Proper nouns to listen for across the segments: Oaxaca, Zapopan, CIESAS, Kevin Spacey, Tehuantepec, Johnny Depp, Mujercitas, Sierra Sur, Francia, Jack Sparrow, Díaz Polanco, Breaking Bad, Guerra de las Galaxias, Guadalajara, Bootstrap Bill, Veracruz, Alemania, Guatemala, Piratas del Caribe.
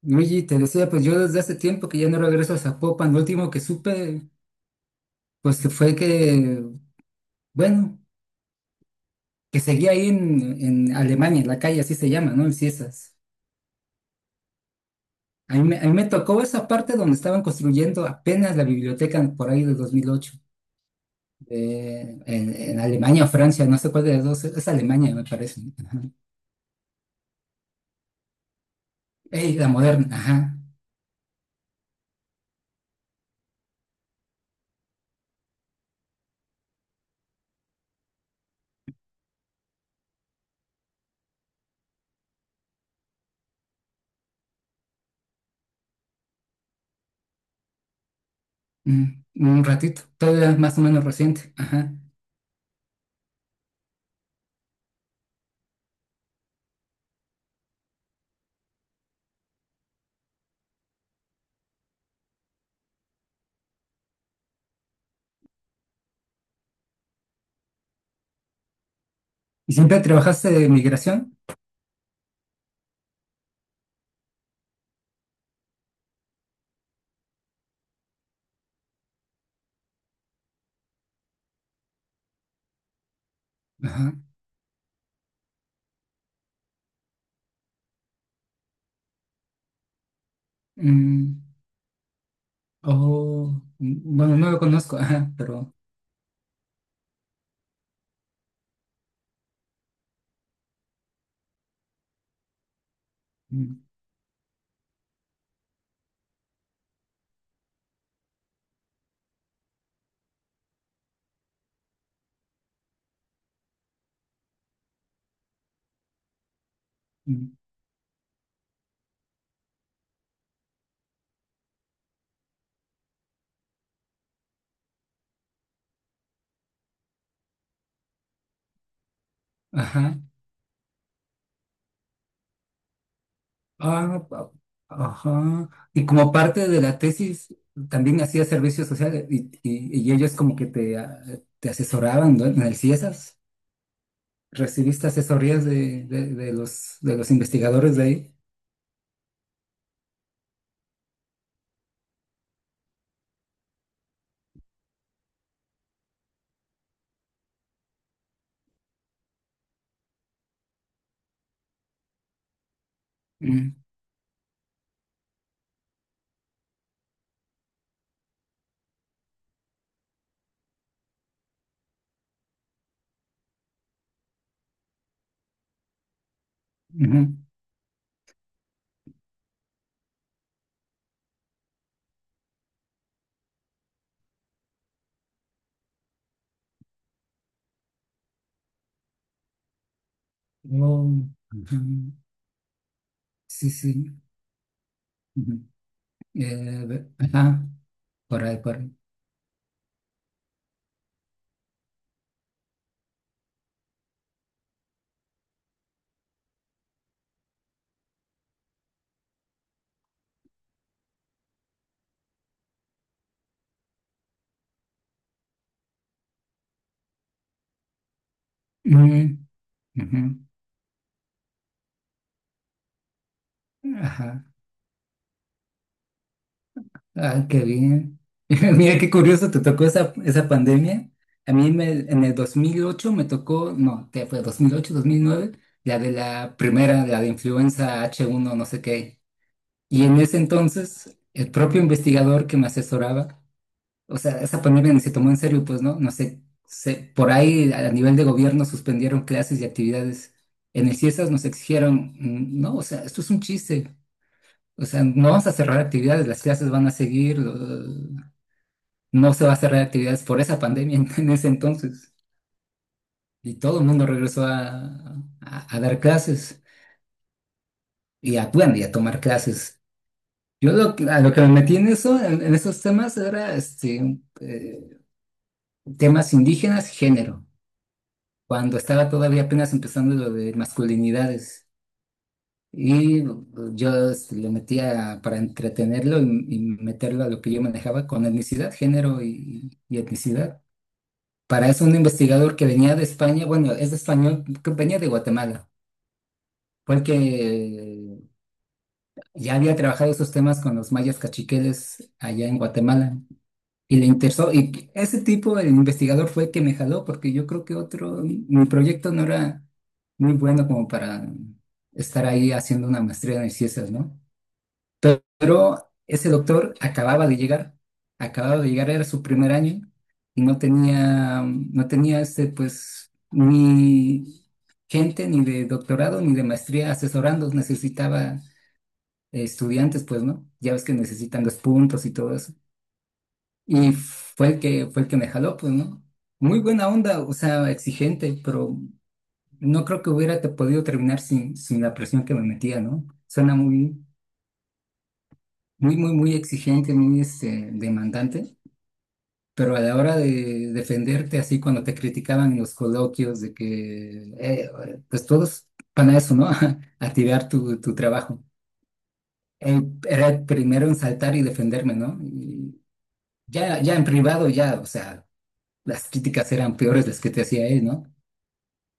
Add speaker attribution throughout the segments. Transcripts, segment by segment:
Speaker 1: No, oye, te decía, pues yo desde hace tiempo que ya no regreso a Zapopan. Lo último que supe, pues que fue que, bueno, que seguía ahí en Alemania, la calle así se llama, ¿no? En Ciesas. A mí me tocó esa parte donde estaban construyendo apenas la biblioteca por ahí de 2008, en Alemania o Francia, no sé cuál de las dos, es Alemania, me parece. ¿No? Ajá. Ey, la moderna, ajá. Mm, un ratito, todavía más o menos reciente, ajá. ¿Y siempre trabajaste de migración? Ajá. Mm. Oh, bueno, no lo conozco, ajá, pero, mm, mm, ajá, ah, pa- ajá, y como parte de la tesis también hacía servicio social y, y ellos como que te, ah, te asesoraban, ¿no? En el CIESAS, recibiste asesorías de los, de los investigadores de ahí. Mm, ujú. Oh, ujú. Sí, sí. Ujú. Ajá, por ahí, por ahí. Ujú, ujú, ajá. Ah, qué bien. Mira, qué curioso, te tocó esa, esa pandemia. En el 2008 me tocó, no, ¿qué fue? ¿2008, 2009, la de la primera, la de influenza H1, no sé qué. Y en ese entonces, el propio investigador que me asesoraba, o sea, esa pandemia ni se tomó en serio, pues, ¿no? No sé, por ahí a nivel de gobierno suspendieron clases y actividades. En el CIESAS nos exigieron, no, o sea, esto es un chiste. O sea, no vamos a cerrar actividades, las clases van a seguir, no se va a cerrar actividades por esa pandemia en ese entonces. Y todo el mundo regresó a, a dar clases y a, bueno, y a tomar clases. A lo que me metí en eso, en esos temas, era este, temas indígenas, género, cuando estaba todavía apenas empezando lo de masculinidades. Y pues, yo este, le metía para entretenerlo y meterlo a lo que yo manejaba con etnicidad, género y etnicidad. Para eso un investigador que venía de España, bueno, es de español, que venía de Guatemala, fue el que ya había trabajado esos temas con los mayas cachiqueles allá en Guatemala y le interesó. Y ese tipo, el investigador, fue el que me jaló porque yo creo que otro, mi proyecto no era muy bueno como para estar ahí haciendo una maestría en ciencias, ¿no? Pero ese doctor acababa de llegar, era su primer año y no tenía, no tenía este, pues, ni gente ni de doctorado ni de maestría asesorando, necesitaba estudiantes, pues, ¿no? Ya ves que necesitan los puntos y todo eso. Y fue el que me jaló, pues, ¿no? Muy buena onda, o sea, exigente, pero no creo que hubiera podido terminar sin la presión que me metía, ¿no? Suena muy, muy, muy, muy exigente, muy este, demandante, pero a la hora de defenderte así cuando te criticaban en los coloquios de que, pues todos para eso, ¿no? A tirar tu, tu trabajo. Él era el primero en saltar y defenderme, ¿no? Y ya, ya en privado, ya, o sea, las críticas eran peores las que te hacía él, ¿no?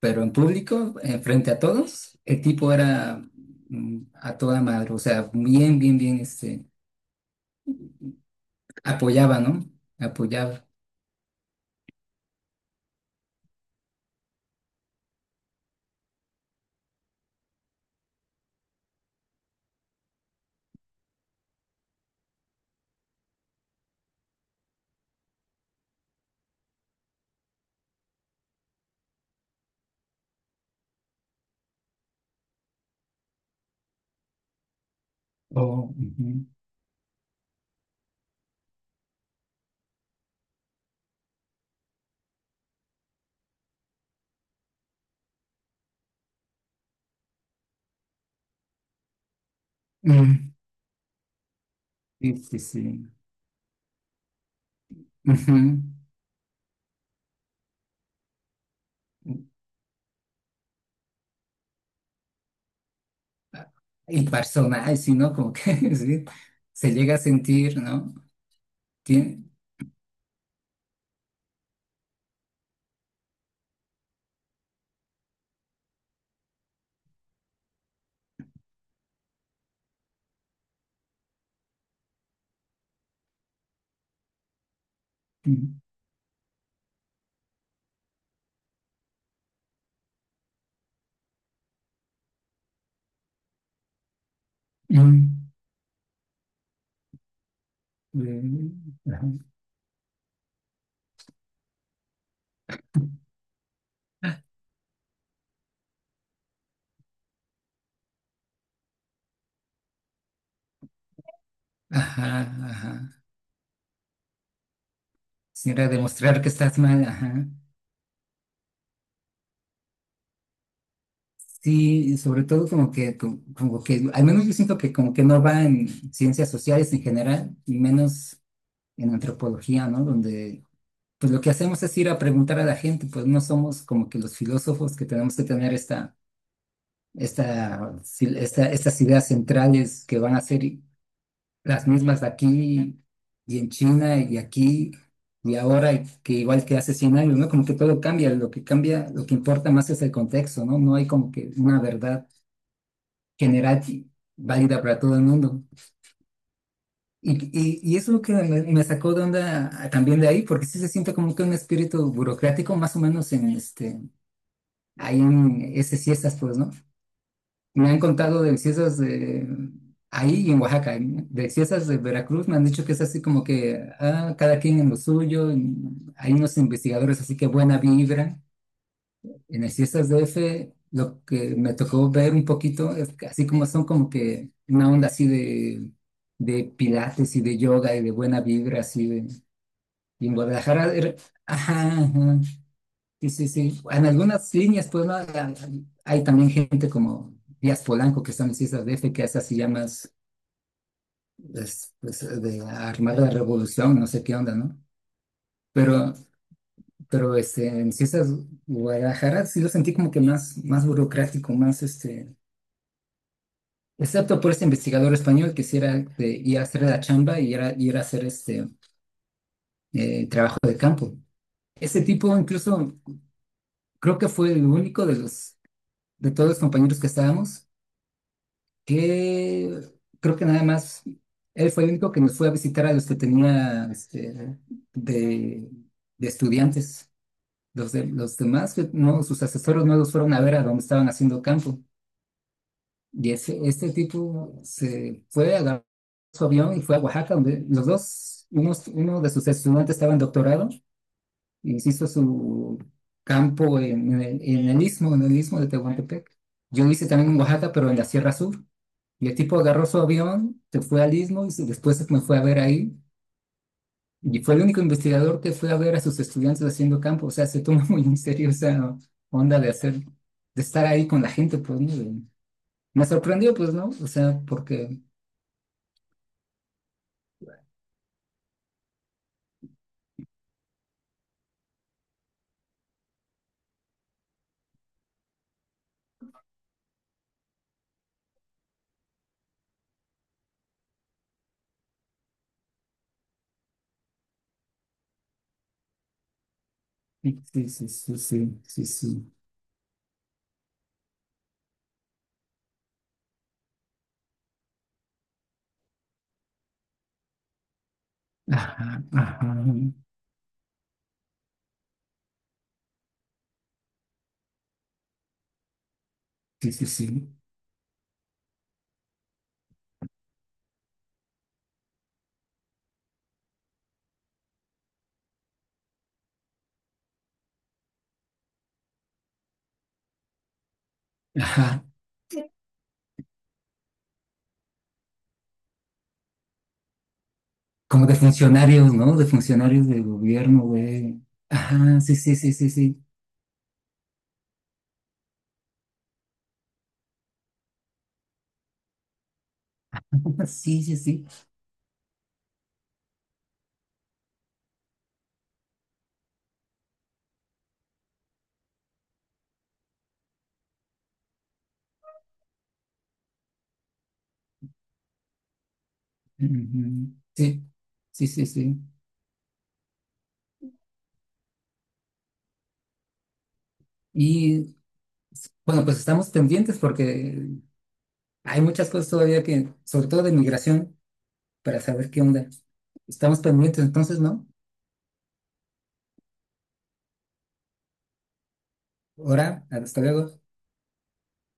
Speaker 1: Pero en público, frente a todos, el tipo era a toda madre, o sea, bien, bien, bien, este, apoyaba, ¿no? Apoyaba. Oh, ujú. Mm, sí, sí, sí. Ujú. El personaje, sí, ¿no? Como que sí, se llega a sentir, ¿no? Tiene... Mm, mm, eh, ajá, ajá, ajá. Sí, era demostrar que estás mal, ajá. Sí, y sobre todo como que, como, como que, al menos yo siento que como que no va en ciencias sociales en general, y menos en antropología, ¿no? Donde pues lo que hacemos es ir a preguntar a la gente, pues no somos como que los filósofos que tenemos que tener esta, esta, estas ideas centrales que van a ser las mismas aquí y en China y aquí y ahora y que igual que hace 100 años, ¿no? Como que todo cambia, lo que importa más es el contexto, ¿no? No hay como que una verdad general y válida para todo el mundo. Y eso es lo que me sacó de onda ah, también de ahí, porque sí se siente como que un espíritu burocrático, más o menos en este, ahí en esas siestas, pues, ¿no? Me han contado de siestas de ahí y en Oaxaca, ¿eh? De siestas de Veracruz, me han dicho que es así como que ah, cada quien en lo suyo, y hay unos investigadores, así que buena vibra. En el siestas de F, lo que me tocó ver un poquito, es que así como son como que una onda así de pilates y de yoga y de buena vibra, así de... Y en Guadalajara, ajá, ajá. Sí, sí, sí. En algunas líneas, pues, ¿no? También gente como Díaz Polanco, que están en las Islas D F que hace así llamas pues, pues, de armar la revolución, no sé qué onda, ¿no? Pero, en Cisas Guadalajara sí lo sentí como que más, más burocrático, más este, excepto por este investigador español que sí era de ir a hacer la chamba y era ir a hacer este trabajo de campo. Ese tipo incluso creo que fue el único de los de todos los compañeros que estábamos que creo que nada más él fue el único que nos fue a visitar a los que tenía este, de, de estudiantes. Los, de, los demás, que no, sus asesores no los fueron a ver a donde estaban haciendo campo. Y ese, este tipo se fue, agarró su avión y fue a Oaxaca, donde los dos, unos, uno de sus estudiantes estaba en doctorado, hizo su campo en el, en el istmo de Tehuantepec. Yo lo hice también en Oaxaca, pero en la Sierra Sur. Y el tipo agarró su avión, se fue al istmo y después me fue a ver ahí. Y fue el único investigador que fue a ver a sus estudiantes haciendo campo. O sea, se toma muy en serio esa onda de hacer, de estar ahí con la gente, pues, ¿no? De- me sorprendió, pues, ¿no? O sea, porque... Sí, sí, sí, sí, sí, sí, sí. Ajá, ajá. Sí, sí, sí. Ajá, como de funcionarios, ¿no? De funcionarios del gobierno, güey. Ajá, sí, sí, sí, sí, sí. Sí, sí, sí. Ujú. Sí, sí, sí, sí. Y bueno, pues estamos pendientes porque hay muchas cosas todavía que, sobre todo de migración, para saber qué onda. Estamos pendientes, entonces, ¿no? Ahora, hasta luego.